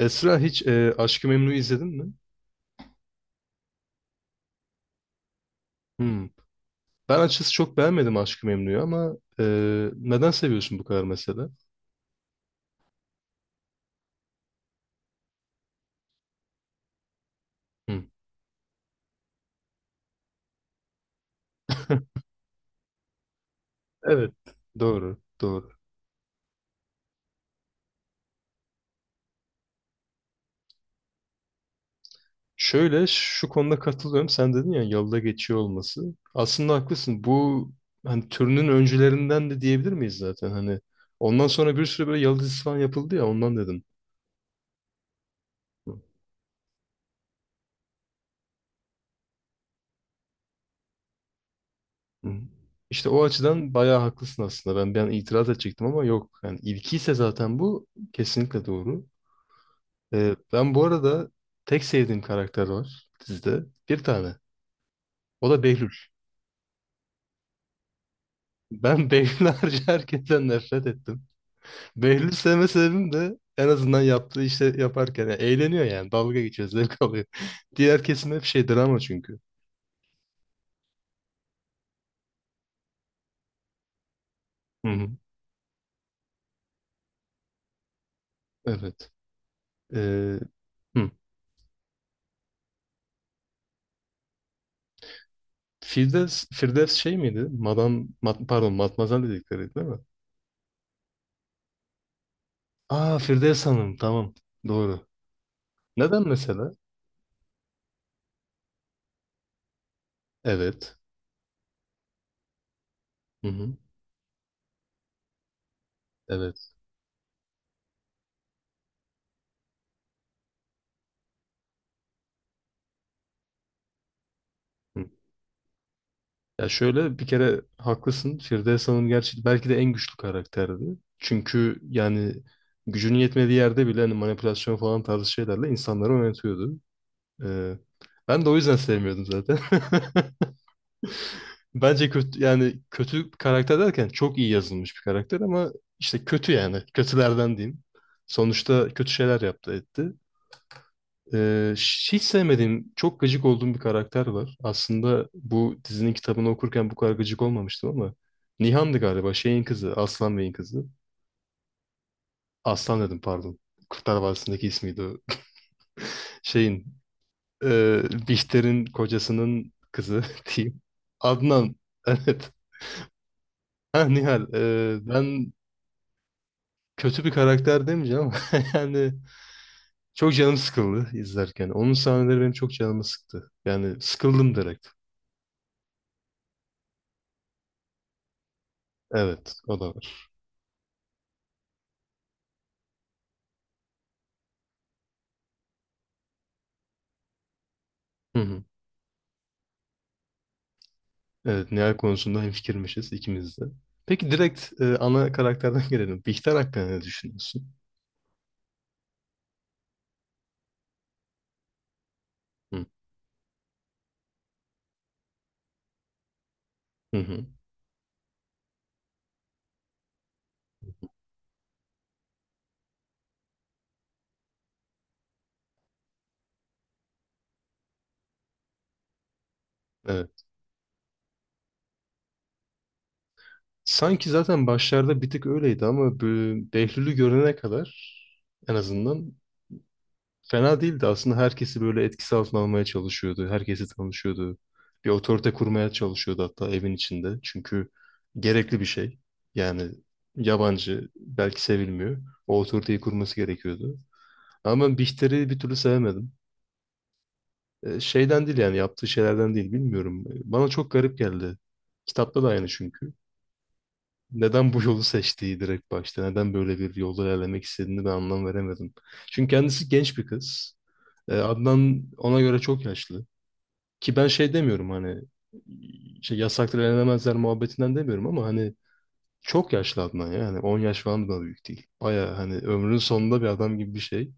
Esra hiç Aşk-ı Memnu'yu izledin mi? Hmm. Ben açıkçası çok beğenmedim Aşk-ı Memnu'yu ama e, neden seviyorsun bu kadar mesela? Hmm. Evet. Doğru, doğru. Şöyle şu konuda katılıyorum. Sen dedin ya yolda geçiyor olması. Aslında haklısın. Bu hani türünün öncülerinden de diyebilir miyiz zaten? Hani ondan sonra bir sürü böyle yalı dizisi falan yapıldı ya ondan dedim. Hmm. İşte o açıdan bayağı haklısın aslında. Ben itiraz edecektim ama yok. Yani ilkiyse zaten bu kesinlikle doğru. Ben bu arada tek sevdiğim karakter var dizide. Bir tane. O da Behlül. Ben Behlül harici herkesten nefret ettim. Behlül sevme sebebim de en azından yaptığı işte yaparken yani eğleniyor yani. Dalga geçiyor, zevk alıyor. Diğer kesim hep şey drama çünkü. Hı hı. Evet. Ee, hı. Firdevs şey miydi? Madam, pardon, Matmazel dedikleri değil mi? Aa, Firdevs Hanım, tamam. Doğru. Neden mesela? Evet. Hı hı. Evet. Hı. Ya şöyle bir kere haklısın. Firdevs Hanım gerçi belki de en güçlü karakterdi. Çünkü yani gücünün yetmediği yerde bile hani manipülasyon falan tarzı şeylerle insanları yönetiyordu. Ee, ben de o yüzden sevmiyordum zaten. Bence kötü, yani kötü karakter derken çok iyi yazılmış bir karakter ama işte kötü yani. Kötülerden diyeyim. Sonuçta kötü şeyler yaptı etti. Ee, hiç sevmediğim, çok gıcık olduğum bir karakter var. Aslında bu dizinin kitabını okurken bu kadar gıcık olmamıştım ama Nihan'dı galiba, şeyin kızı, Aslan Bey'in kızı. Aslan dedim, pardon. Kurtlar Vadisi'ndeki ismiydi o. Şeyin, Bihter'in kocasının kızı diyeyim. Adnan, evet. Ha, Nihal, ben kötü bir karakter demeyeceğim ama yani çok canım sıkıldı izlerken. Onun sahneleri benim çok canımı sıktı. Yani sıkıldım direkt. Evet, o da var. Hı hı. Evet, Nihal konusunda hemfikirmişiz ikimiz de. Peki direkt ana karakterden gelelim. Bihter hakkında ne düşünüyorsun? Hı hı. Hı. Evet. Sanki zaten başlarda bir tık öyleydi ama bu Behlül'ü görene kadar en azından fena değildi. Aslında herkesi böyle etkisi altına almaya çalışıyordu. Herkesi tanışıyordu. Bir otorite kurmaya çalışıyordu hatta evin içinde. Çünkü gerekli bir şey. Yani yabancı belki sevilmiyor. O otoriteyi kurması gerekiyordu. Ama ben Bihter'i bir türlü sevemedim. Şeyden değil, yani yaptığı şeylerden değil, bilmiyorum. Bana çok garip geldi. Kitapta da aynı çünkü. Neden bu yolu seçtiği direkt başta, neden böyle bir yolda ilerlemek istediğini ben anlam veremedim. Çünkü kendisi genç bir kız. Adnan ona göre çok yaşlı. Ki ben şey demiyorum, hani şey yasaktır, elenemezler muhabbetinden demiyorum ama hani çok yaşlı Adnan ya. Yani 10 yaş falan da büyük değil. Baya hani ömrünün sonunda bir adam gibi bir şey.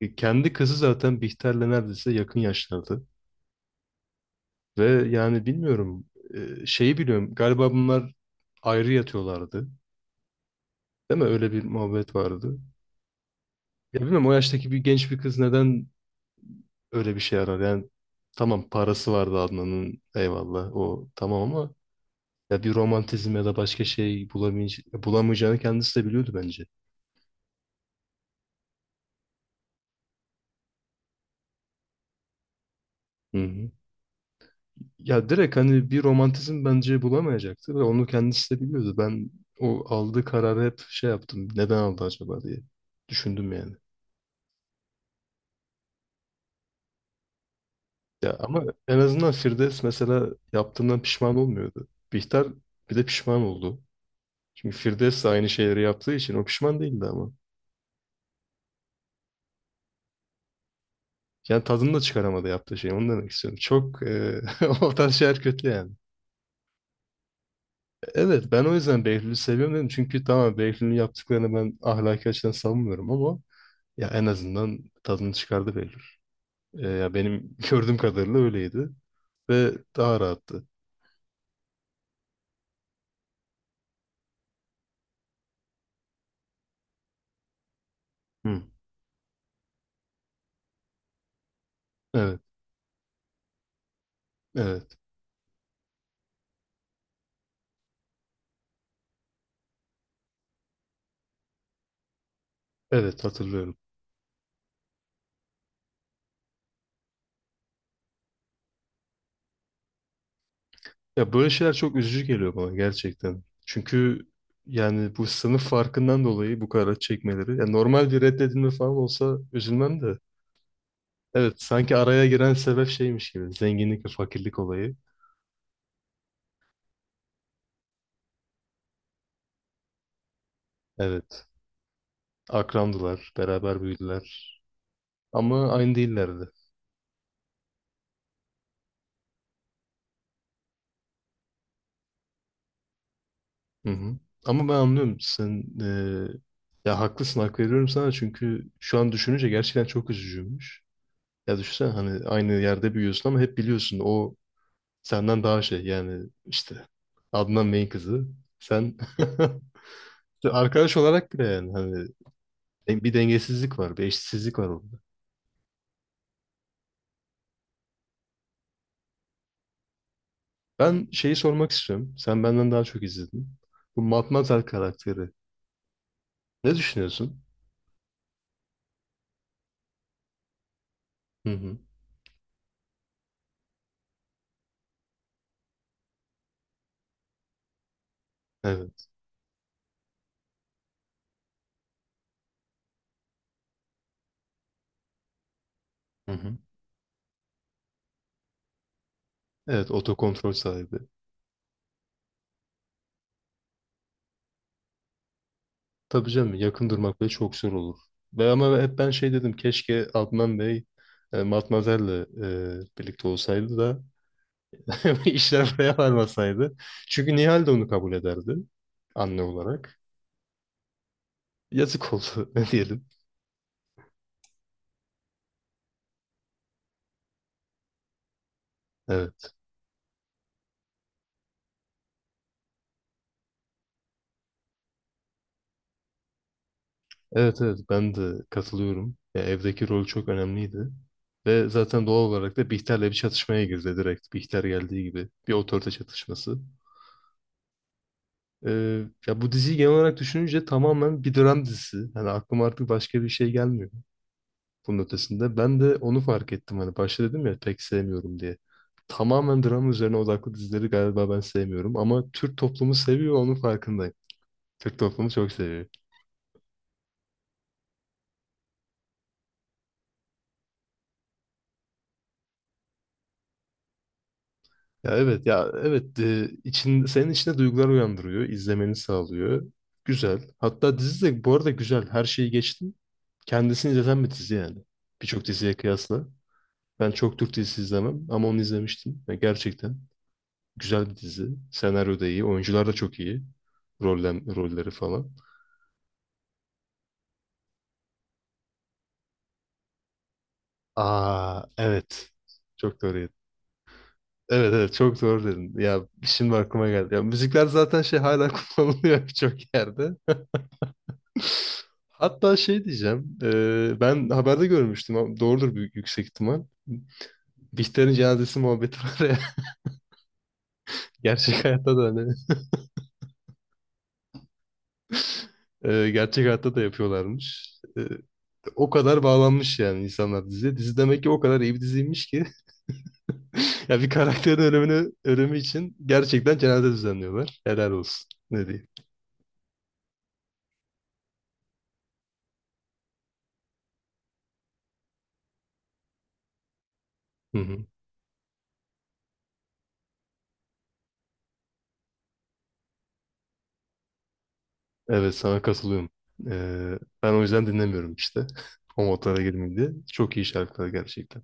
Kendi kızı zaten Bihter'le neredeyse yakın yaşlarda. Ve yani bilmiyorum, şeyi biliyorum galiba, bunlar ayrı yatıyorlardı. Değil mi? Öyle bir muhabbet vardı. Ya bilmiyorum, o yaştaki bir genç bir kız neden öyle bir şey arar? Yani tamam, parası vardı Adnan'ın, eyvallah, o tamam ama ya bir romantizm ya da başka şey bulamayacağını, bulamayacağını kendisi de biliyordu bence. Hı hı. Ya direkt hani bir romantizm bence bulamayacaktı ve onu kendisi de biliyordu. Ben o aldığı kararı hep şey yaptım. Neden aldı acaba diye düşündüm yani. Ya ama en azından Firdevs mesela yaptığından pişman olmuyordu. Bihter bir de pişman oldu. Çünkü Firdevs de aynı şeyleri yaptığı için o pişman değildi ama. Yani tadını da çıkaramadı yaptığı şey. Onu demek istiyorum. Çok o tarz şeyler kötü yani. Evet, ben o yüzden Behlül'ü seviyorum dedim. Çünkü tamam, Behlül'ün yaptıklarını ben ahlaki açıdan savunmuyorum ama ya en azından tadını çıkardı Behlül. Ya benim gördüğüm kadarıyla öyleydi. Ve daha rahattı. Hı. Evet. Evet. Evet, hatırlıyorum. Ya böyle şeyler çok üzücü geliyor bana gerçekten. Çünkü yani bu sınıf farkından dolayı bu kadar acı çekmeleri. Ya normal bir reddedilme falan olsa üzülmem de. Evet, sanki araya giren sebep şeymiş gibi. Zenginlik ve fakirlik olayı. Evet, akrandılar, beraber büyüdüler. Ama aynı değillerdi. Hı hı. Ama ben anlıyorum. Sen ya haklısın, hak veriyorum sana. Çünkü şu an düşününce gerçekten çok üzücüymüş. Ya düşünsene, hani aynı yerde büyüyorsun ama hep biliyorsun, o senden daha şey, yani işte Adnan Bey'in kızı. Sen işte arkadaş olarak bile, yani hani, bir dengesizlik var, bir eşitsizlik var orada. Ben şeyi sormak istiyorum. Sen benden daha çok izledin. Bu Matmazel karakteri. Ne düşünüyorsun? Hı hı. Evet. Hı hı. Evet, otokontrol sahibi. Tabii canım, yakın durmak bile çok zor olur. Ve ama hep ben şey dedim: keşke Adnan Bey Matmazel'le birlikte olsaydı da İşler buraya varmasaydı. Çünkü Nihal de onu kabul ederdi anne olarak. Yazık oldu ne diyelim. Evet. Evet, evet, ben de katılıyorum. Ya, evdeki rol çok önemliydi. Ve zaten doğal olarak da Bihter'le bir çatışmaya girdi direkt. Bihter geldiği gibi bir otorite çatışması. Ya bu diziyi genel olarak düşününce tamamen bir dram dizisi. Hani aklıma artık başka bir şey gelmiyor bunun ötesinde. Ben de onu fark ettim, hani başta dedim ya pek sevmiyorum diye. Tamamen drama üzerine odaklı dizileri galiba ben sevmiyorum ama Türk toplumu seviyor, onun farkındayım. Türk toplumu çok seviyor. Ya evet, ya evet, e, için senin içinde duygular uyandırıyor, izlemeni sağlıyor. Güzel. Hatta dizi de bu arada güzel. Her şeyi geçtim. Kendisini izleten bir dizi yani. Birçok diziye kıyasla. Ben çok Türk dizisi izlemem ama onu izlemiştim. Ya, gerçekten. Güzel bir dizi. Senaryo da iyi. Oyuncular da çok iyi. Rolleri falan. Aa, evet. Çok doğru. Evet, evet, çok doğru dedin. Ya şimdi aklıma geldi. Ya müzikler zaten şey hala kullanılıyor birçok yerde. Hatta şey diyeceğim. Ben haberde görmüştüm ama doğrudur, büyük yüksek ihtimal. Bihter'in cenazesi muhabbeti var ya. Gerçek hayatta da hani. Gerçek hayatta da yapıyorlarmış. O kadar bağlanmış yani insanlar diziye. Dizi demek ki o kadar iyi bir diziymiş ki ya bir karakterin ölümü için gerçekten cenaze düzenliyorlar. Helal olsun. Ne diyeyim. Hı hı. Evet, sana katılıyorum. Ben o yüzden dinlemiyorum işte. O modlara girmeyeyim diye. Çok iyi şarkılar gerçekten.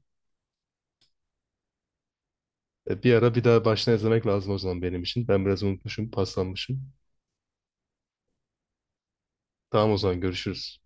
Bir ara bir daha baştan izlemek lazım o zaman benim için. Ben biraz unutmuşum, paslanmışım. Tamam, o zaman görüşürüz.